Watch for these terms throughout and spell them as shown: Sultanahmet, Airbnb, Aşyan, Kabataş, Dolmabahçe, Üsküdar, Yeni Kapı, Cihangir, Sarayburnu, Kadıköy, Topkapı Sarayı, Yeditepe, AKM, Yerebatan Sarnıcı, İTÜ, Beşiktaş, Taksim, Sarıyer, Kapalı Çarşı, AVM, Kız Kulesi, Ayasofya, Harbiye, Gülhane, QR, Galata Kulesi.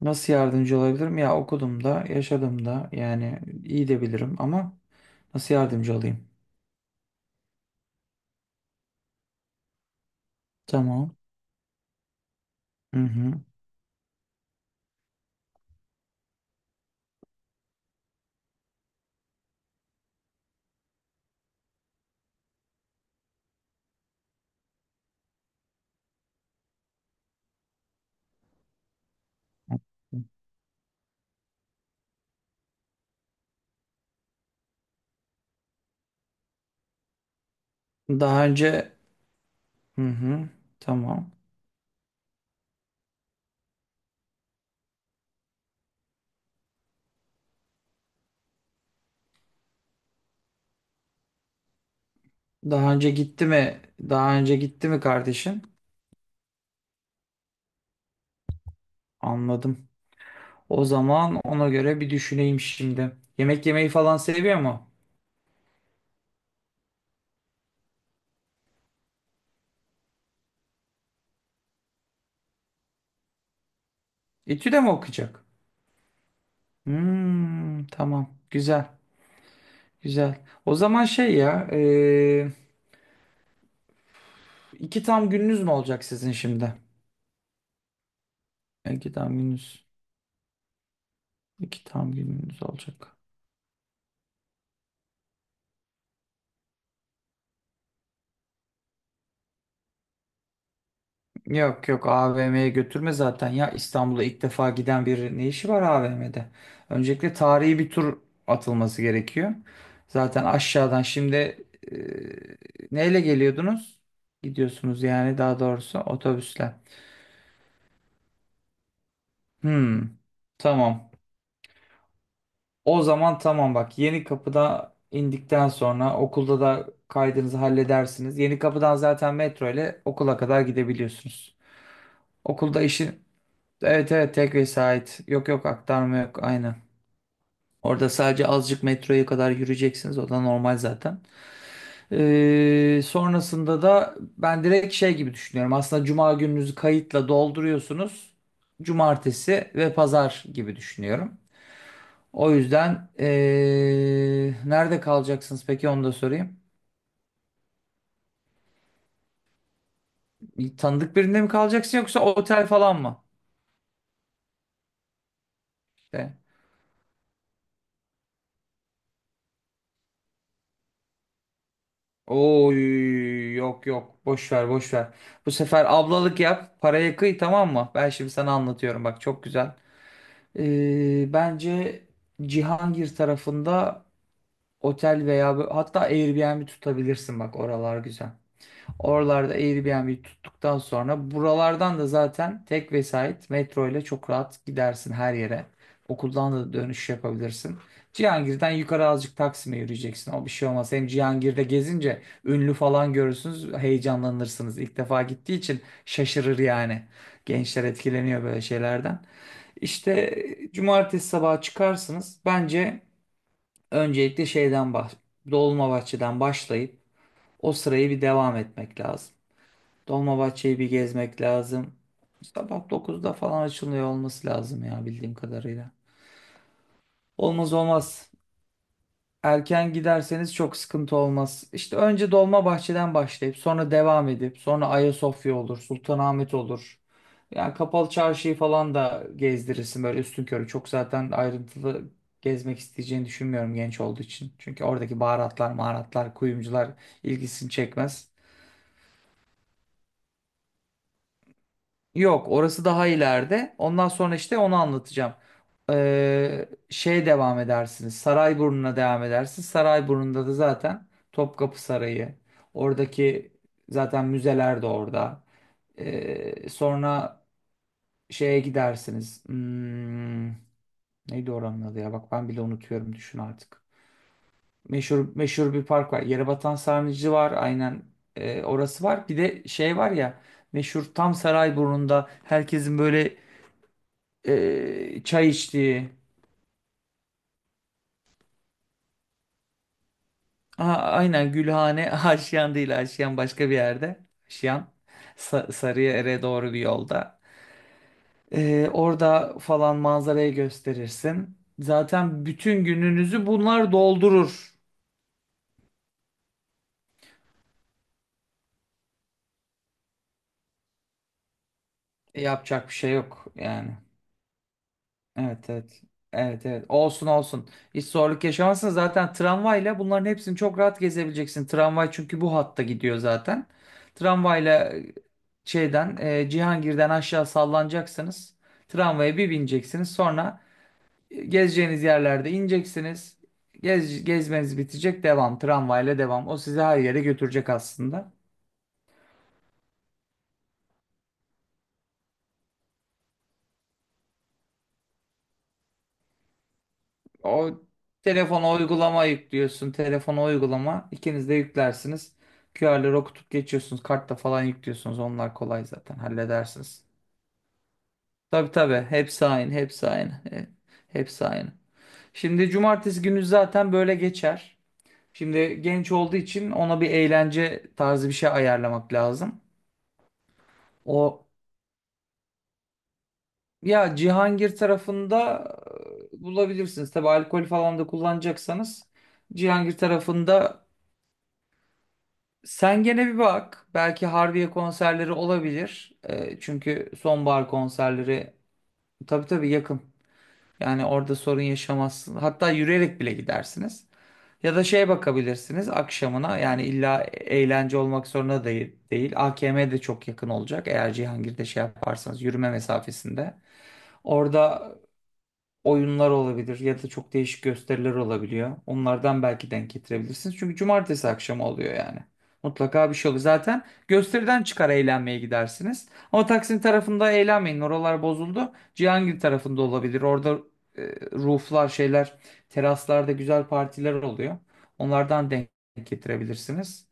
Nasıl yardımcı olabilirim? Ya okudum da, yaşadım da yani iyi de bilirim ama nasıl yardımcı olayım? Tamam. Hı hı. Daha önce Hı hı. Tamam. Daha önce gitti mi? Daha önce gitti mi kardeşin? Anladım. O zaman ona göre bir düşüneyim şimdi. Yemek yemeyi falan seviyor mu? İTÜ de mi okuyacak? Hmm, tamam. Güzel. Güzel. O zaman şey ya, iki tam gününüz mü olacak sizin şimdi? İki tam gününüz. İki tam gününüz olacak. Yok yok, AVM'ye götürme zaten ya, İstanbul'a ilk defa giden bir ne işi var AVM'de? Öncelikle tarihi bir tur atılması gerekiyor. Zaten aşağıdan şimdi neyle geliyordunuz? Gidiyorsunuz yani daha doğrusu otobüsle. Hmm, tamam. O zaman tamam bak, Yeni Kapı'da indikten sonra okulda da kaydınızı halledersiniz. Yeni Kapı'dan zaten metro ile okula kadar gidebiliyorsunuz. Okulda işi Evet evet, tek vesait. Yok yok, aktarma yok, aynı. Orada sadece azıcık metroya kadar yürüyeceksiniz. O da normal zaten. Sonrasında da ben direkt şey gibi düşünüyorum. Aslında cuma gününüzü kayıtla dolduruyorsunuz. Cumartesi ve pazar gibi düşünüyorum. O yüzden nerede kalacaksınız peki, onu da sorayım. Bir tanıdık birinde mi kalacaksın yoksa otel falan mı? İşte. Oy, yok yok, boş ver boş ver. Bu sefer ablalık yap, paraya kıy, tamam mı? Ben şimdi sana anlatıyorum bak, çok güzel. Bence Cihangir tarafında otel veya hatta Airbnb tutabilirsin bak, oralar güzel. Oralarda Airbnb tuttuktan sonra buralardan da zaten tek vesait metro ile çok rahat gidersin her yere. Okuldan da dönüş yapabilirsin. Cihangir'den yukarı azıcık Taksim'e yürüyeceksin. O bir şey olmaz. Hem Cihangir'de gezince ünlü falan görürsünüz, heyecanlanırsınız. İlk defa gittiği için şaşırır yani. Gençler etkileniyor böyle şeylerden. İşte, cumartesi sabahı çıkarsınız. Bence öncelikle şeyden bah Dolmabahçe'den başlayıp o sırayı bir devam etmek lazım. Dolmabahçe'yi bir gezmek lazım. Sabah 9'da falan açılıyor olması lazım ya, bildiğim kadarıyla. Olmaz olmaz. Erken giderseniz çok sıkıntı olmaz. İşte önce Dolmabahçe'den başlayıp sonra devam edip sonra Ayasofya olur, Sultanahmet olur. Yani Kapalı Çarşı'yı falan da gezdirirsin böyle üstünkörü. Çok zaten ayrıntılı gezmek isteyeceğini düşünmüyorum genç olduğu için. Çünkü oradaki baharatlar, maharatlar, kuyumcular ilgisini çekmez. Yok, orası daha ileride. Ondan sonra işte onu anlatacağım. Şey devam edersiniz. Sarayburnu'na devam edersiniz. Sarayburnu'nda da zaten Topkapı Sarayı. Oradaki zaten müzeler de orada. Sonra şeye gidersiniz. Neydi oranın adı ya? Bak ben bile unutuyorum, düşün artık. Meşhur meşhur bir park var. Yerebatan Sarnıcı var. Aynen. Orası var. Bir de şey var ya, meşhur, tam Sarayburnu'nda herkesin böyle çay içtiği. Aha, aynen Gülhane. Aşyan değil, Aşyan başka bir yerde. Aşyan Sarıyer'e doğru bir yolda. Orada falan manzarayı gösterirsin. Zaten bütün gününüzü bunlar doldurur. Yapacak bir şey yok yani. Evet evet. Evet evet. Olsun olsun. Hiç zorluk yaşamazsın. Zaten tramvayla bunların hepsini çok rahat gezebileceksin. Tramvay çünkü bu hatta gidiyor zaten. Tramvayla Cihangir'den aşağı sallanacaksınız. Tramvaya bir bineceksiniz. Sonra gezeceğiniz yerlerde ineceksiniz. Gezmeniz bitecek. Devam. Tramvayla devam. O sizi her yere götürecek aslında. O, telefona uygulama yüklüyorsun. Telefona uygulama. İkiniz de yüklersiniz. QR'ları okutup geçiyorsunuz. Kartta falan yüklüyorsunuz. Onlar kolay zaten. Halledersiniz. Tabii tabii. Hepsi aynı. Hepsi aynı. Hepsi aynı. Şimdi cumartesi günü zaten böyle geçer. Şimdi genç olduğu için ona bir eğlence tarzı bir şey ayarlamak lazım. O ya, Cihangir tarafında bulabilirsiniz. Tabii alkol falan da kullanacaksanız Cihangir tarafında. Sen gene bir bak. Belki Harbiye konserleri olabilir. Çünkü sonbahar konserleri, tabii tabii yakın. Yani orada sorun yaşamazsın. Hatta yürüyerek bile gidersiniz. Ya da şeye bakabilirsiniz akşamına. Yani illa eğlence olmak zorunda değil, değil. AKM de çok yakın olacak. Eğer Cihangir'de şey yaparsanız yürüme mesafesinde. Orada oyunlar olabilir ya da çok değişik gösteriler olabiliyor. Onlardan belki denk getirebilirsiniz. Çünkü cumartesi akşamı oluyor yani. Mutlaka bir şey oluyor. Zaten gösteriden çıkar eğlenmeye gidersiniz. Ama Taksim tarafında eğlenmeyin. Oralar bozuldu. Cihangir tarafında olabilir. Orada e, rooflar, şeyler, teraslarda güzel partiler oluyor. Onlardan denk getirebilirsiniz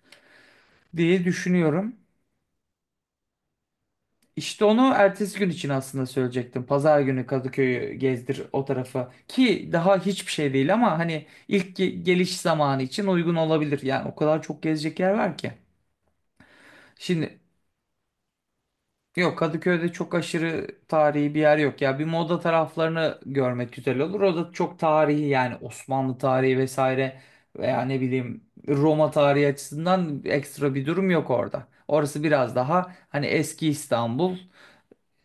diye düşünüyorum. İşte onu ertesi gün için aslında söyleyecektim. Pazar günü Kadıköy'ü gezdir o tarafa. Ki daha hiçbir şey değil ama hani ilk geliş zamanı için uygun olabilir. Yani o kadar çok gezecek yer var ki. Şimdi, yok Kadıköy'de çok aşırı tarihi bir yer yok. Ya bir moda taraflarını görmek güzel olur. O da çok tarihi yani, Osmanlı tarihi vesaire veya ne bileyim Roma tarihi açısından ekstra bir durum yok orada. Orası biraz daha hani eski İstanbul,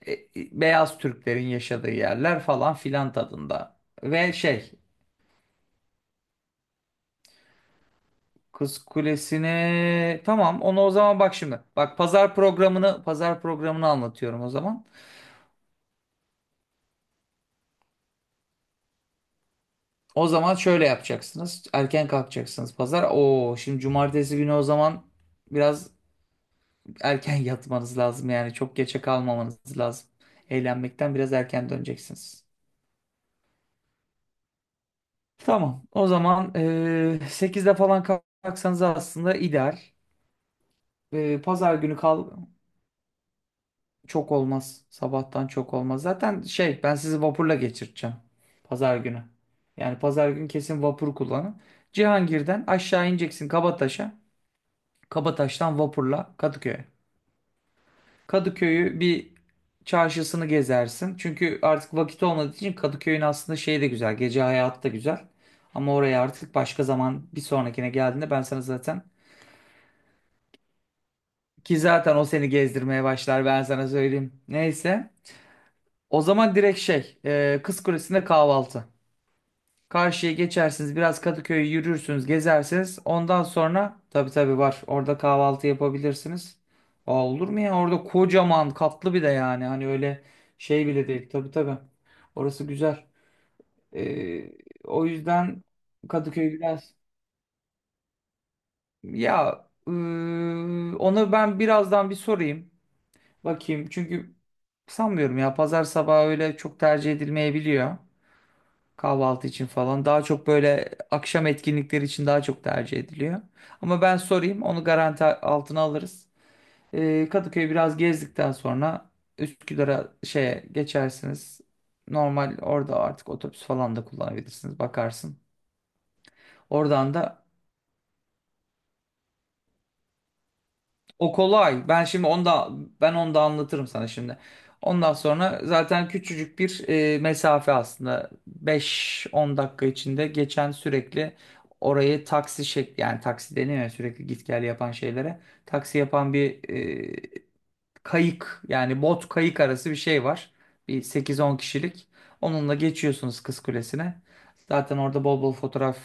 beyaz Türklerin yaşadığı yerler falan filan tadında. Ve şey, Kız Kulesi'ni, tamam onu o zaman bak şimdi. Bak, pazar programını anlatıyorum o zaman. O zaman şöyle yapacaksınız. Erken kalkacaksınız pazar. Şimdi cumartesi günü o zaman biraz erken yatmanız lazım yani çok geçe kalmamanız lazım. Eğlenmekten biraz erken döneceksiniz. Tamam. O zaman 8'de falan kalksanız aslında ideal. Pazar günü çok olmaz. Sabahtan çok olmaz. Zaten şey, ben sizi vapurla geçirteceğim. Pazar günü. Yani pazar gün kesin vapur kullanın. Cihangir'den aşağı ineceksin Kabataş'a. Kabataş'tan vapurla Kadıköy'e. Kadıköy'ü bir, çarşısını gezersin. Çünkü artık vakit olmadığı için Kadıköy'ün aslında şeyi de güzel. Gece hayatı da güzel. Ama oraya artık başka zaman, bir sonrakine geldiğinde ben sana zaten, ki zaten o seni gezdirmeye başlar, ben sana söyleyeyim. Neyse. O zaman direkt şey, Kız Kulesi'nde kahvaltı. Karşıya geçersiniz, biraz Kadıköy'ü yürürsünüz, gezersiniz. Ondan sonra, tabii tabii var. Orada kahvaltı yapabilirsiniz. Aa, olur mu ya? Orada kocaman katlı bir de yani. Hani öyle şey bile değil. Tabii tabii. Orası güzel. E, O yüzden Kadıköy biraz ya, onu ben birazdan bir sorayım. Bakayım. Çünkü sanmıyorum ya, pazar sabahı öyle çok tercih edilmeyebiliyor. Kahvaltı için falan. Daha çok böyle akşam etkinlikleri için daha çok tercih ediliyor. Ama ben sorayım, onu garanti altına alırız. Kadıköy'ü biraz gezdikten sonra Üsküdar'a, şeye geçersiniz. Normal orada artık otobüs falan da kullanabilirsiniz. Bakarsın. Oradan da O kolay. Ben şimdi onu da, ben onu da anlatırım sana şimdi. Ondan sonra zaten küçücük bir mesafe aslında. 5-10 dakika içinde geçen, sürekli orayı taksi şekli, yani taksi deniyor ya sürekli git gel yapan şeylere. Taksi yapan bir kayık, yani bot kayık arası bir şey var. Bir 8-10 kişilik. Onunla geçiyorsunuz Kız Kulesi'ne. Zaten orada bol bol fotoğraf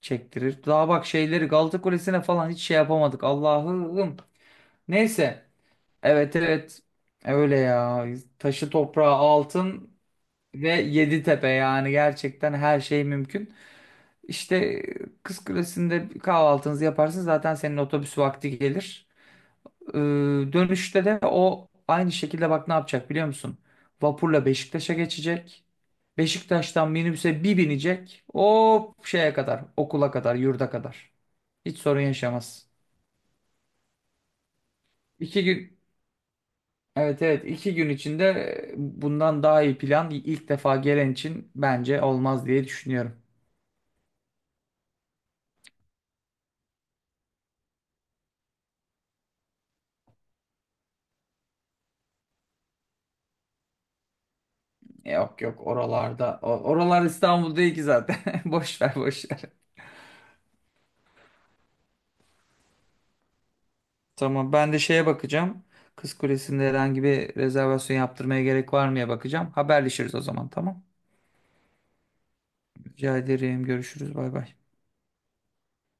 çektirir. Daha bak şeyleri, Galata Kulesi'ne falan hiç şey yapamadık. Allah'ım. Neyse. Evet evet. Öyle ya. Taşı toprağı altın ve Yeditepe, yani gerçekten her şey mümkün. İşte Kız Kulesi'nde bir kahvaltınızı yaparsın, zaten senin otobüs vakti gelir. Ee, Dönüşte de o aynı şekilde, bak ne yapacak biliyor musun? Vapurla Beşiktaş'a geçecek. Beşiktaş'tan minibüse bir binecek. O şeye kadar, okula kadar, yurda kadar. Hiç sorun yaşamaz. İki gün Evet evet, iki gün içinde bundan daha iyi plan ilk defa gelen için bence olmaz diye düşünüyorum. Yok yok oralarda. Oralar İstanbul değil ki zaten. Boş ver boş ver. Tamam, ben de şeye bakacağım. Kız Kulesi'nde herhangi bir rezervasyon yaptırmaya gerek var mıya bakacağım. Haberleşiriz o zaman, tamam. Rica ederim. Görüşürüz. Bay bay.